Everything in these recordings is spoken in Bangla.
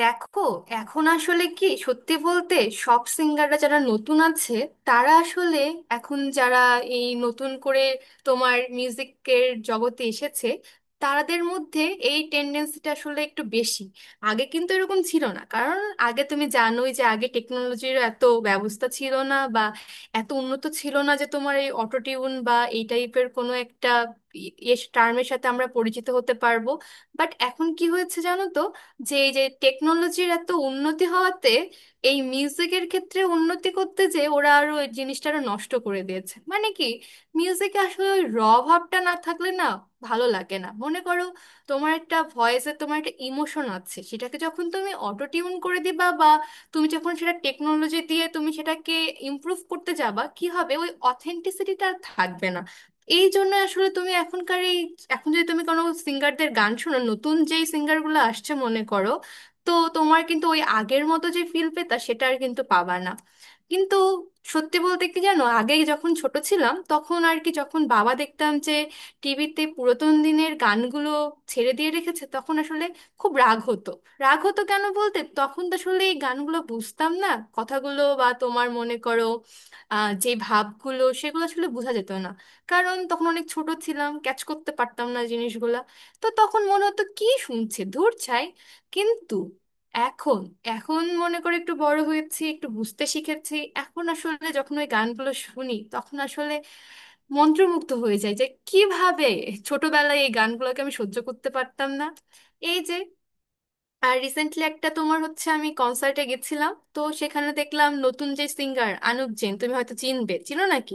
দেখো, এখন আসলে কি, সত্যি বলতে, সব সিঙ্গাররা যারা নতুন আছে, তারা আসলে, এখন যারা এই নতুন করে তোমার মিউজিকের জগতে এসেছে, তাদের মধ্যে এই টেন্ডেন্সিটা আসলে একটু বেশি। আগে কিন্তু এরকম ছিল না, কারণ আগে তুমি জানোই যে আগে টেকনোলজির এত ব্যবস্থা ছিল না বা এত উন্নত ছিল না যে তোমার এই অটোটিউন বা এই টাইপের কোনো একটা টার্মের সাথে আমরা পরিচিত হতে পারবো। বাট এখন কি হয়েছে জানো তো, যে এই যে টেকনোলজির এত উন্নতি হওয়াতে, এই মিউজিকের ক্ষেত্রে উন্নতি করতে যে ওরা আরো এই জিনিসটা আরো নষ্ট করে দিয়েছে। মানে কি, মিউজিকে আসলে ওই র ভাবটা না থাকলে না ভালো লাগে না। মনে করো, তোমার একটা ভয়েসে তোমার একটা ইমোশন আছে, সেটাকে যখন তুমি অটো টিউন করে দিবা, বা তুমি যখন সেটা টেকনোলজি দিয়ে তুমি সেটাকে ইমপ্রুভ করতে যাবা, কি হবে ওই অথেন্টিসিটিটা আর থাকবে না। এই জন্য আসলে তুমি এখনকার এই, এখন যদি তুমি কোনো সিঙ্গারদের গান শোনো, নতুন যেই সিঙ্গারগুলো আসছে মনে করো, তো তোমার কিন্তু ওই আগের মতো যে ফিল পেতা সেটা আর কিন্তু পাবা না। কিন্তু সত্যি বলতে কি জানো, আগে যখন ছোট ছিলাম তখন আর কি, যখন বাবা দেখতাম যে টিভিতে পুরাতন দিনের গানগুলো ছেড়ে দিয়ে রেখেছে, তখন আসলে খুব রাগ হতো। রাগ হতো কেন বলতে, তখন তো আসলে এই গানগুলো বুঝতাম না, কথাগুলো বা তোমার মনে করো যে ভাবগুলো সেগুলো আসলে বোঝা যেত না, কারণ তখন অনেক ছোট ছিলাম, ক্যাচ করতে পারতাম না জিনিসগুলা। তো তখন মনে হতো কি শুনছে ধুর ছাই। কিন্তু এখন, এখন মনে করে একটু বড় হয়েছি, একটু বুঝতে শিখেছি, এখন আসলে যখন ওই গানগুলো শুনি তখন আসলে মন্ত্রমুগ্ধ হয়ে যায় যে কিভাবে ছোটবেলায় এই গানগুলোকে আমি সহ্য করতে পারতাম না। এই যে, আর রিসেন্টলি একটা তোমার হচ্ছে, আমি কনসার্টে গেছিলাম, তো সেখানে দেখলাম নতুন যে সিঙ্গার আনুপ জেন, তুমি হয়তো চিনবে, চিনো নাকি?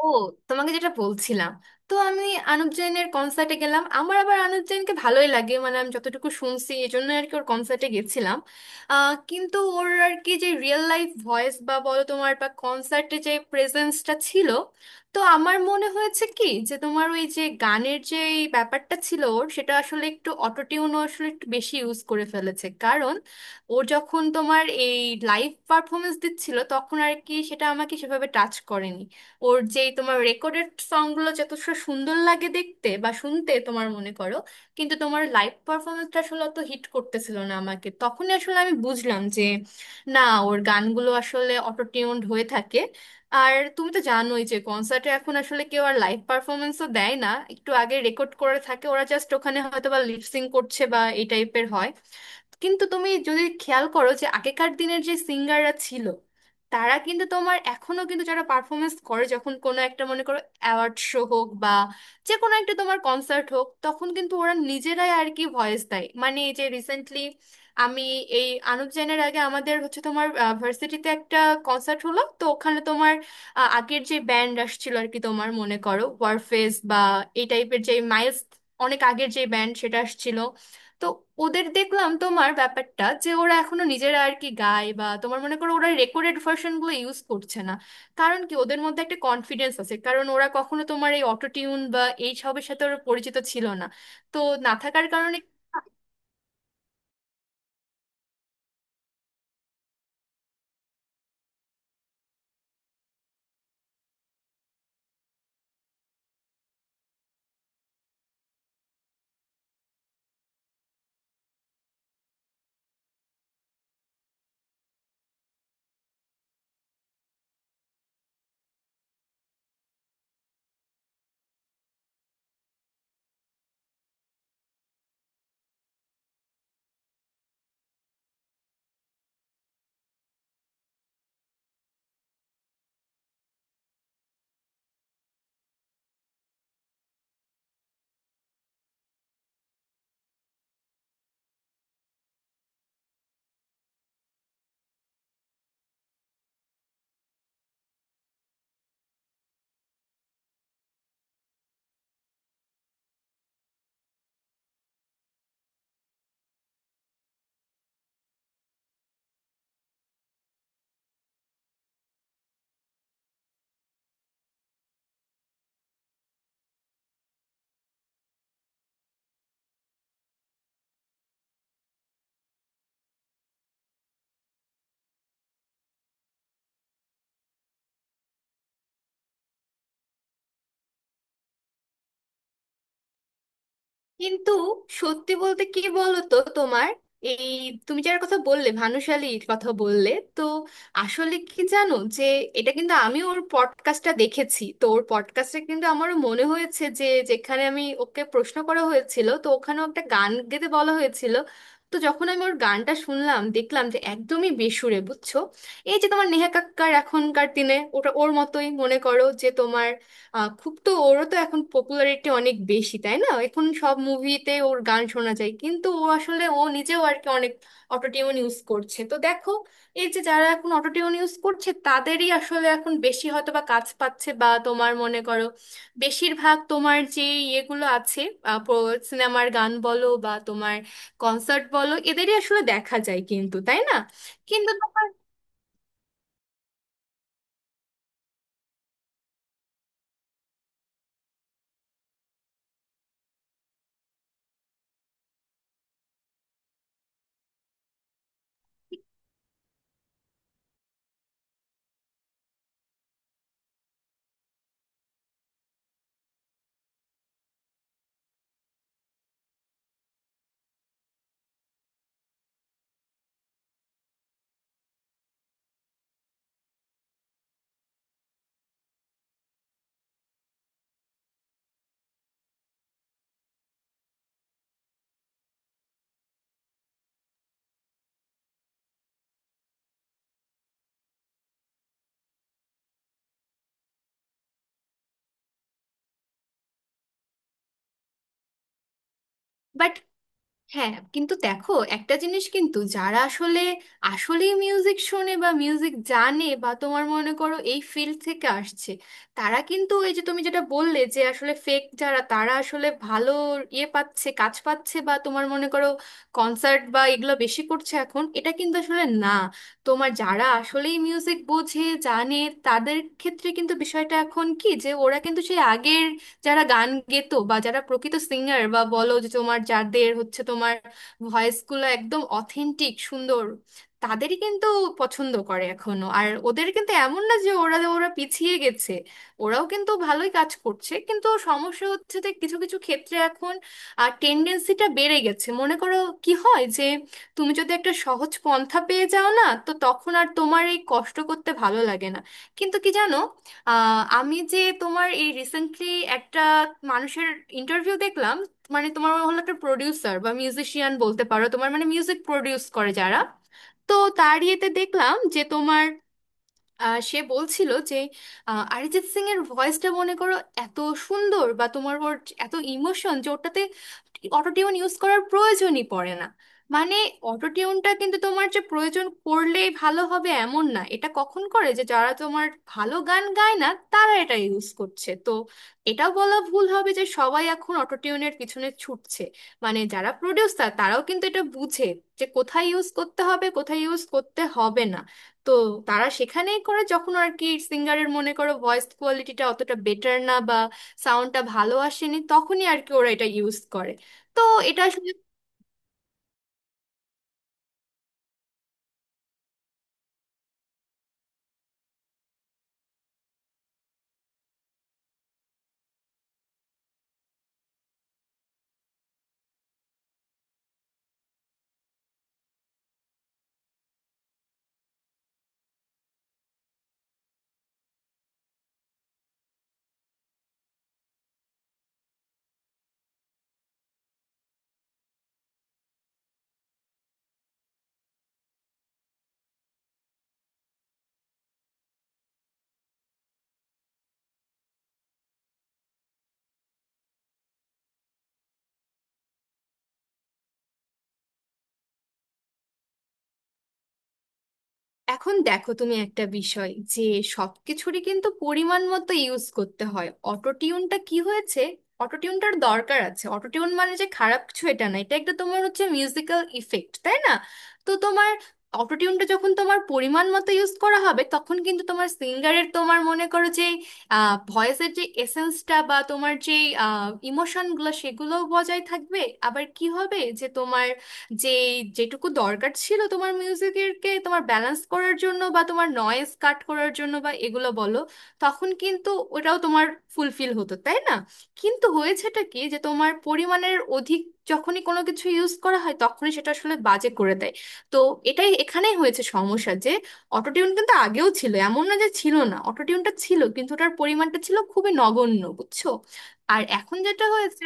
ও, তোমাকে যেটা বলছিলাম, তো আমি আনুপ জৈনের কনসার্টে গেলাম। আমার আবার আনুপ জৈনকে ভালোই লাগে, মানে আমি যতটুকু শুনছি, এই জন্য আর কি ওর কনসার্টে গেছিলাম। কিন্তু ওর আর কি যে রিয়েল লাইফ ভয়েস বা বলো তোমার বা কনসার্টে যে প্রেজেন্সটা ছিল, তো আমার মনে হয়েছে কি যে তোমার ওই যে গানের যে এই ব্যাপারটা ছিল ওর, সেটা আসলে একটু অটোটিউনও আসলে একটু বেশি ইউজ করে ফেলেছে। কারণ ও যখন তোমার এই লাইভ পারফরমেন্স দিচ্ছিল, তখন আর কি সেটা আমাকে সেভাবে টাচ করেনি। ওর যেই তোমার রেকর্ডেড সংগুলো যথেষ্ট সুন্দর লাগে দেখতে বা শুনতে তোমার মনে করো, কিন্তু তোমার লাইভ পারফরমেন্সটা আসলে অত হিট করতেছিল না আমাকে। তখনই আসলে আমি বুঝলাম যে না, ওর গানগুলো আসলে অটোটিউনড হয়ে থাকে। আর তুমি তো জানোই যে কনসার্টে এখন আসলে কেউ আর লাইভ পারফরমেন্সও দেয় না, একটু আগে রেকর্ড করে থাকে ওরা, জাস্ট ওখানে হয়তো বা লিপসিং করছে বা এই টাইপের হয়। কিন্তু তুমি যদি খেয়াল করো যে আগেকার দিনের যে সিঙ্গাররা ছিল, তারা কিন্তু তোমার এখনো কিন্তু যারা পারফরমেন্স করে যখন কোনো একটা মনে করো অ্যাওয়ার্ড শো হোক বা যে কোনো একটা তোমার কনসার্ট হোক, তখন কিন্তু ওরা নিজেরাই আর কি ভয়েস দেয়। মানে এই যে রিসেন্টলি আমি, এই আনুপ জেনের আগে আমাদের হচ্ছে তোমার ভার্সিটিতে একটা কনসার্ট হলো, তো ওখানে তোমার আগের যে ব্যান্ড আসছিল আর কি, তোমার মনে করো ওয়ারফেস বা এই টাইপের যে মাইলস, অনেক আগের যে ব্যান্ড সেটা আসছিল। তো ওদের দেখলাম তোমার ব্যাপারটা যে ওরা এখনো নিজেরা আর কি গায়, বা তোমার মনে করো ওরা রেকর্ডেড ভার্সনগুলো ইউজ করছে না। কারণ কি, ওদের মধ্যে একটা কনফিডেন্স আছে, কারণ ওরা কখনো তোমার এই অটোটিউন বা এই সবের সাথে ওরা পরিচিত ছিল না, তো না থাকার কারণে। কিন্তু সত্যি বলতে কি বলতো তোমার, এই তুমি যার কথা বললে, ভানুশালীর কথা বললে, তো আসলে কি জানো যে এটা কিন্তু আমি ওর পডকাস্টটা দেখেছি, তো ওর পডকাস্টে কিন্তু আমারও মনে হয়েছে যে যেখানে আমি ওকে প্রশ্ন করা হয়েছিল, তো ওখানেও একটা গান গেতে বলা হয়েছিল। তো যখন আমি ওর গানটা শুনলাম দেখলাম যে একদমই বেসুরে, বুঝছো? এই যে তোমার নেহা কাক্কার, এখনকার দিনে ওটা ওর মতোই মনে করো, যে তোমার আহ, খুব তো ওরও তো এখন পপুলারিটি অনেক বেশি, তাই না? এখন সব মুভিতে ওর গান শোনা যায়, কিন্তু ও আসলে ও নিজেও আর কি অনেক অটোটিউন ইউজ করছে। তো দেখো, এই যে যারা এখন অটোটিউন ইউজ করছে তাদেরই আসলে এখন বেশি হয়তো বা কাজ পাচ্ছে বা তোমার মনে করো বেশিরভাগ তোমার যে ইয়েগুলো আছে, সিনেমার গান বলো বা তোমার কনসার্ট বলো, এদেরই আসলে দেখা যায় কিন্তু, তাই না? কিন্তু বাট, হ্যাঁ কিন্তু দেখো একটা জিনিস, কিন্তু যারা আসলে আসলেই মিউজিক শোনে বা মিউজিক জানে বা তোমার মনে করো এই ফিল্ড থেকে আসছে, তারা কিন্তু এই যে তুমি যেটা বললে যে আসলে ফেক যারা তারা আসলে ভালো ইয়ে পাচ্ছে কাজ পাচ্ছে বা তোমার মনে করো কনসার্ট বা এগুলো বেশি করছে এখন, এটা কিন্তু আসলে না। তোমার যারা আসলেই মিউজিক বোঝে জানে, তাদের ক্ষেত্রে কিন্তু বিষয়টা এখন কি যে ওরা কিন্তু সেই আগের যারা গান গেতো বা যারা প্রকৃত সিঙ্গার বা বলো যে তোমার যাদের হচ্ছে তোমার ভয়েসগুলো একদম অথেন্টিক সুন্দর, তাদেরই কিন্তু পছন্দ করে এখনো। আর ওদের কিন্তু এমন না যে ওরা ওরা পিছিয়ে গেছে, ওরাও কিন্তু ভালোই কাজ করছে। কিন্তু সমস্যা হচ্ছে যে কিছু কিছু ক্ষেত্রে এখন আর টেন্ডেন্সিটা বেড়ে গেছে মনে করো। কি হয় যে তুমি যদি একটা সহজ পন্থা পেয়ে যাও না, তো তখন আর তোমার এই কষ্ট করতে ভালো লাগে না। কিন্তু কি জানো, আমি যে তোমার এই রিসেন্টলি একটা মানুষের ইন্টারভিউ দেখলাম, মানে তোমার হলো একটা প্রোডিউসার বা মিউজিশিয়ান বলতে পারো, তোমার মানে মিউজিক প্রোডিউস করে যারা, তো তার ইয়েতে দেখলাম যে তোমার সে বলছিল যে অরিজিৎ সিং এর ভয়েসটা মনে করো এত সুন্দর বা তোমার ওর এত ইমোশন যে ওটাতে অটোটিউন ইউজ করার প্রয়োজনই পড়ে না। মানে অটোটিউনটা কিন্তু তোমার যে প্রয়োজন করলেই ভালো হবে এমন না, এটা কখন করে যে যারা তোমার ভালো গান গায় না তারা এটা ইউজ করছে। তো এটাও বলা ভুল হবে যে সবাই এখন অটোটিউনের পিছনে ছুটছে। মানে যারা প্রডিউসার তারাও কিন্তু এটা বুঝে যে কোথায় ইউজ করতে হবে, কোথায় ইউজ করতে হবে না। তো তারা সেখানেই করে যখন আর কি সিঙ্গারের মনে করো ভয়েস কোয়ালিটিটা অতটা বেটার না বা সাউন্ডটা ভালো আসেনি, তখনই আর কি ওরা এটা ইউজ করে। তো এটা আসলে, এখন দেখো তুমি একটা বিষয় যে সবকিছুরই কিন্তু পরিমাণ মতো ইউজ করতে হয়। অটোটিউনটা কি হয়েছে, অটোটিউনটার দরকার আছে, অটোটিউন মানে যে খারাপ কিছু এটা না, এটা একটা তোমার হচ্ছে মিউজিক্যাল ইফেক্ট, তাই না? তো তোমার অটোটিউনটা যখন তোমার পরিমাণ মতো ইউজ করা হবে, তখন কিন্তু তোমার সিঙ্গারের তোমার মনে করো যে ভয়েসের যে এসেন্সটা বা তোমার যে ইমোশনগুলো সেগুলোও বজায় থাকবে। আবার কি হবে যে তোমার যে যেটুকু দরকার ছিল তোমার মিউজিকেরকে তোমার ব্যালেন্স করার জন্য বা তোমার নয়েজ কাট করার জন্য বা এগুলো বলো, তখন কিন্তু ওটাও তোমার ফুলফিল হতো, তাই না? কিন্তু হয়েছেটা কি যে তোমার পরিমাণের অধিক যখনই কোনো কিছু ইউজ করা হয় তখনই সেটা আসলে বাজে করে দেয়। তো এটাই এখানেই হয়েছে সমস্যা, যে অটোটিউন কিন্তু আগেও ছিল, এমন না যে ছিল না, অটোটিউনটা ছিল কিন্তু ওটার পরিমাণটা ছিল খুবই নগণ্য, বুঝছো? আর এখন যেটা হয়েছে